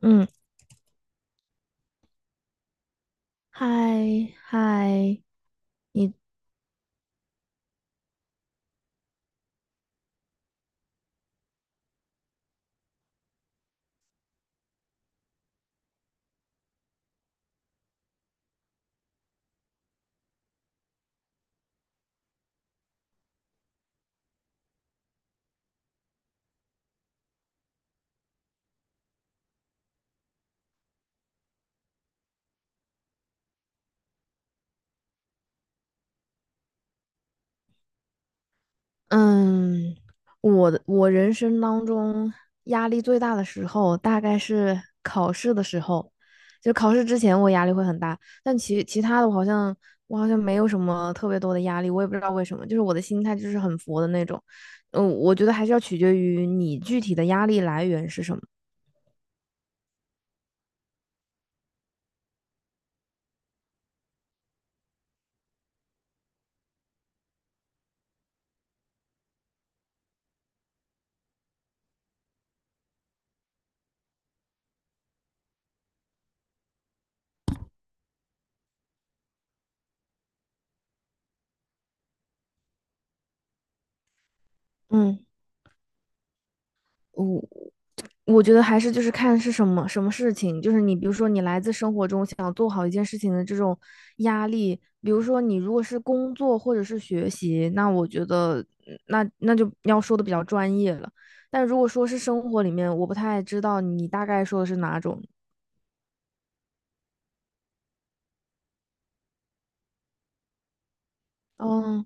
嗯，嗨嗨，你嗯，我人生当中压力最大的时候，大概是考试的时候。就考试之前我压力会很大，但其他的我好像没有什么特别多的压力，我也不知道为什么，就是我的心态就是很佛的那种。嗯，我觉得还是要取决于你具体的压力来源是什么。嗯。我我觉得还是就是看是什么事情，就是你比如说你来自生活中想做好一件事情的这种压力，比如说你如果是工作或者是学习，那我觉得那就要说的比较专业了。但如果说是生活里面，我不太知道你大概说的是哪种。哦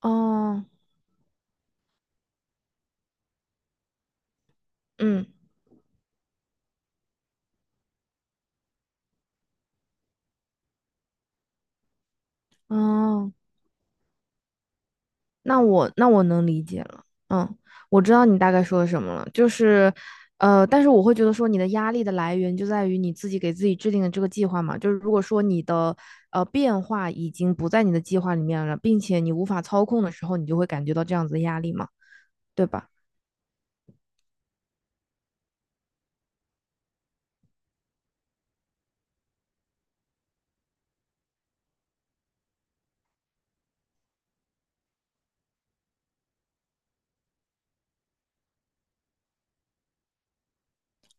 哦，嗯，哦。那我能理解了，嗯，我知道你大概说的什么了，就是，但是我会觉得说你的压力的来源就在于你自己给自己制定的这个计划嘛，就是如果说你的变化已经不在你的计划里面了，并且你无法操控的时候，你就会感觉到这样子的压力嘛，对吧？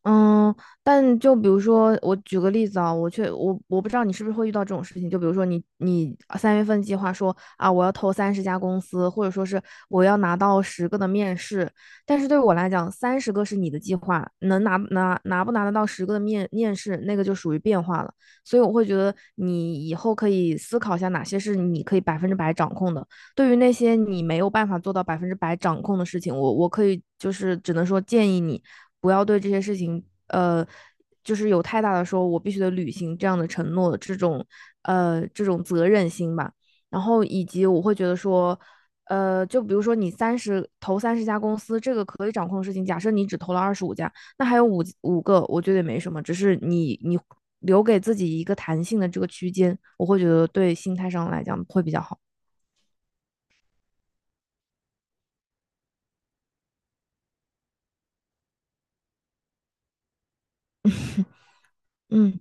嗯，但就比如说，我举个例子啊，我却我我不知道你是不是会遇到这种事情，就比如说你三月份计划说啊，我要投三十家公司，或者说是我要拿到十个的面试，但是对我来讲，30个是你的计划，能拿不拿得到十个的面试，那个就属于变化了。所以我会觉得你以后可以思考一下哪些是你可以百分之百掌控的，对于那些你没有办法做到百分之百掌控的事情，我可以就是只能说建议你。不要对这些事情，呃，就是有太大的说我必须得履行这样的承诺，这种这种责任心吧。然后以及我会觉得说，就比如说你投三十家公司，这个可以掌控的事情，假设你只投了25家，那还有五个，我觉得也没什么，只是你留给自己一个弹性的这个区间，我会觉得对心态上来讲会比较好。嗯。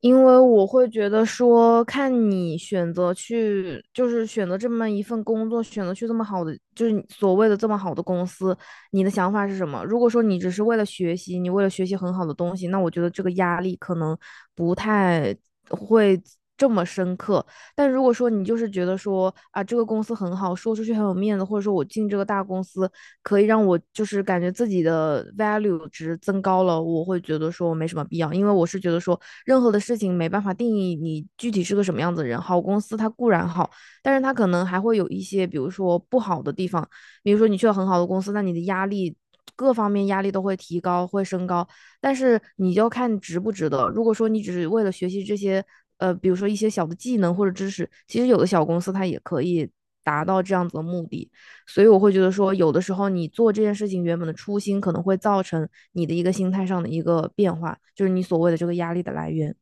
因为我会觉得说，看你选择去，就是选择这么一份工作，选择去这么好的，就是你所谓的这么好的公司，你的想法是什么？如果说你只是为了学习，你为了学习很好的东西，那我觉得这个压力可能不太会这么深刻。但如果说你就是觉得说啊，这个公司很好，说出去很有面子，或者说我进这个大公司，可以让我就是感觉自己的 value 值增高了，我会觉得说我没什么必要，因为我是觉得说任何的事情没办法定义你具体是个什么样子的人。好公司它固然好，但是它可能还会有一些，比如说不好的地方，比如说你去了很好的公司，那你的压力，各方面压力都会提高，会升高，但是你就看值不值得。如果说你只是为了学习这些，比如说一些小的技能或者知识，其实有的小公司它也可以达到这样子的目的。所以我会觉得说，有的时候你做这件事情原本的初心，可能会造成你的一个心态上的一个变化，就是你所谓的这个压力的来源。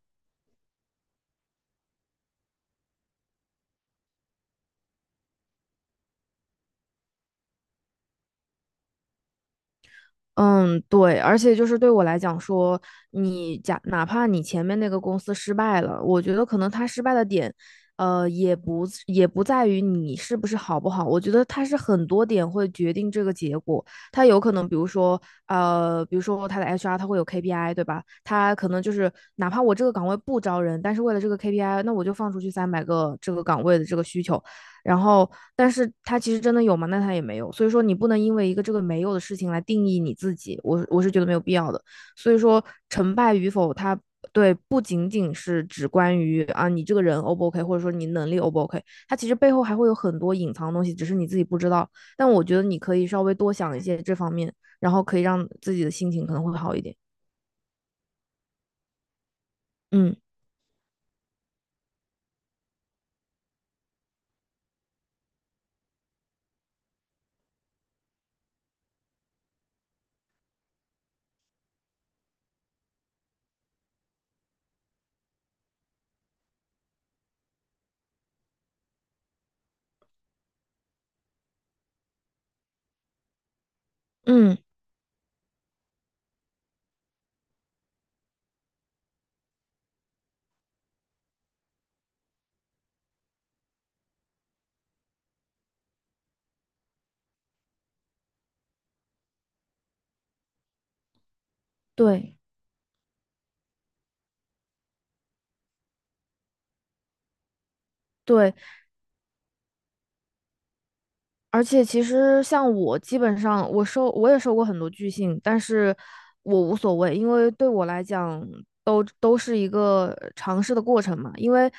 嗯，对，而且就是对我来讲说，你假哪怕你前面那个公司失败了，我觉得可能他失败的点，也不是也不在于你是不是好不好，我觉得他是很多点会决定这个结果。他有可能，比如说，比如说他的 HR 他会有 KPI，对吧？他可能就是哪怕我这个岗位不招人，但是为了这个 KPI，那我就放出去300个这个岗位的这个需求，然后，但是他其实真的有吗？那他也没有。所以说，你不能因为一个这个没有的事情来定义你自己。我是觉得没有必要的。所以说，成败与否，他对不仅仅是只关于啊你这个人 O 不 OK，或者说你能力 O 不 OK，它其实背后还会有很多隐藏的东西，只是你自己不知道。但我觉得你可以稍微多想一些这方面，然后可以让自己的心情可能会好一点。嗯嗯，对对，而且其实像我，基本上我也收过很多拒信，但是我无所谓，因为对我来讲都是一个尝试的过程嘛。因为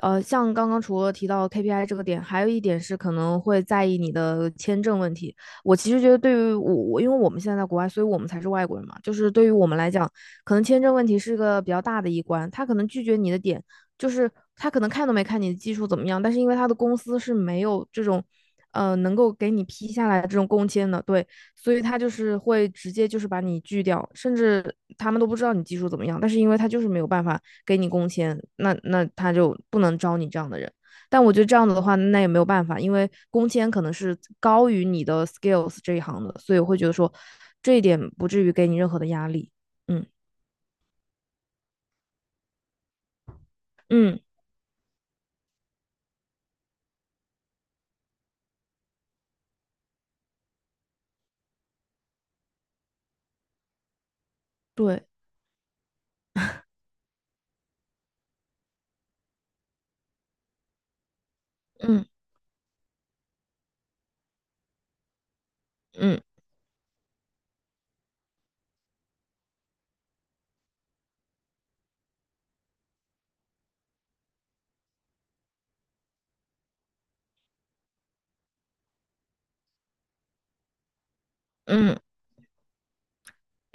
像刚刚除了提到 KPI 这个点，还有一点是可能会在意你的签证问题。我其实觉得对于我，我因为我们现在在国外，所以我们才是外国人嘛，就是对于我们来讲，可能签证问题是个比较大的一关，他可能拒绝你的点。就是他可能看都没看你的技术怎么样，但是因为他的公司是没有这种，能够给你批下来这种工签的，对，所以他就是会直接就是把你拒掉，甚至他们都不知道你技术怎么样，但是因为他就是没有办法给你工签，那他就不能招你这样的人。但我觉得这样子的话，那也没有办法，因为工签可能是高于你的 skills 这一行的，所以我会觉得说这一点不至于给你任何的压力。嗯嗯，对，嗯嗯嗯。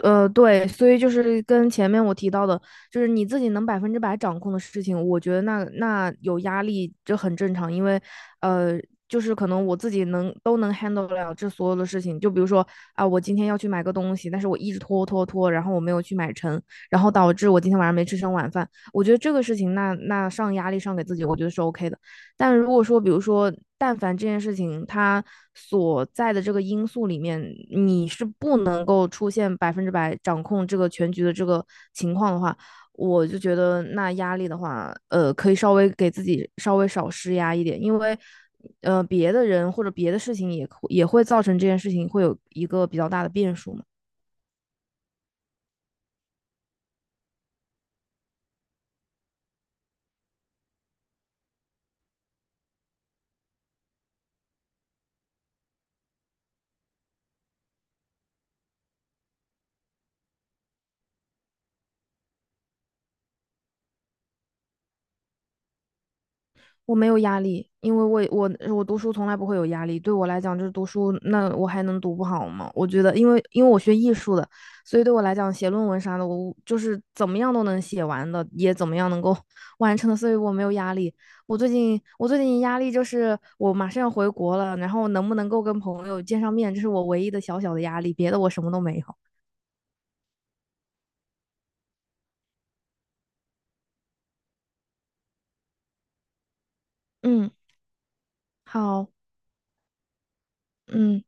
对，所以就是跟前面我提到的，就是你自己能百分之百掌控的事情，我觉得那有压力这很正常，因为呃，就是可能我自己能 handle 得了这所有的事情，就比如说啊、我今天要去买个东西，但是我一直拖拖拖，然后我没有去买成，然后导致我今天晚上没吃上晚饭，我觉得这个事情那上压力上给自己，我觉得是 OK 的。但如果说，比如说，但凡这件事情它所在的这个因素里面，你是不能够出现百分之百掌控这个全局的这个情况的话，我就觉得那压力的话，可以稍微给自己稍微少施压一点，因为。别的人或者别的事情也会造成这件事情会有一个比较大的变数嘛。我没有压力，因为我读书从来不会有压力。对我来讲，就是读书，那我还能读不好吗？我觉得，因为我学艺术的，所以对我来讲，写论文啥的，我就是怎么样都能写完的，也怎么样能够 完成的，所以我没有压力。我最近压力就是我马上要回国了，然后能不能够跟朋友见上面，这是我唯一的小小的压力，别的我什么都没有。嗯，好，嗯。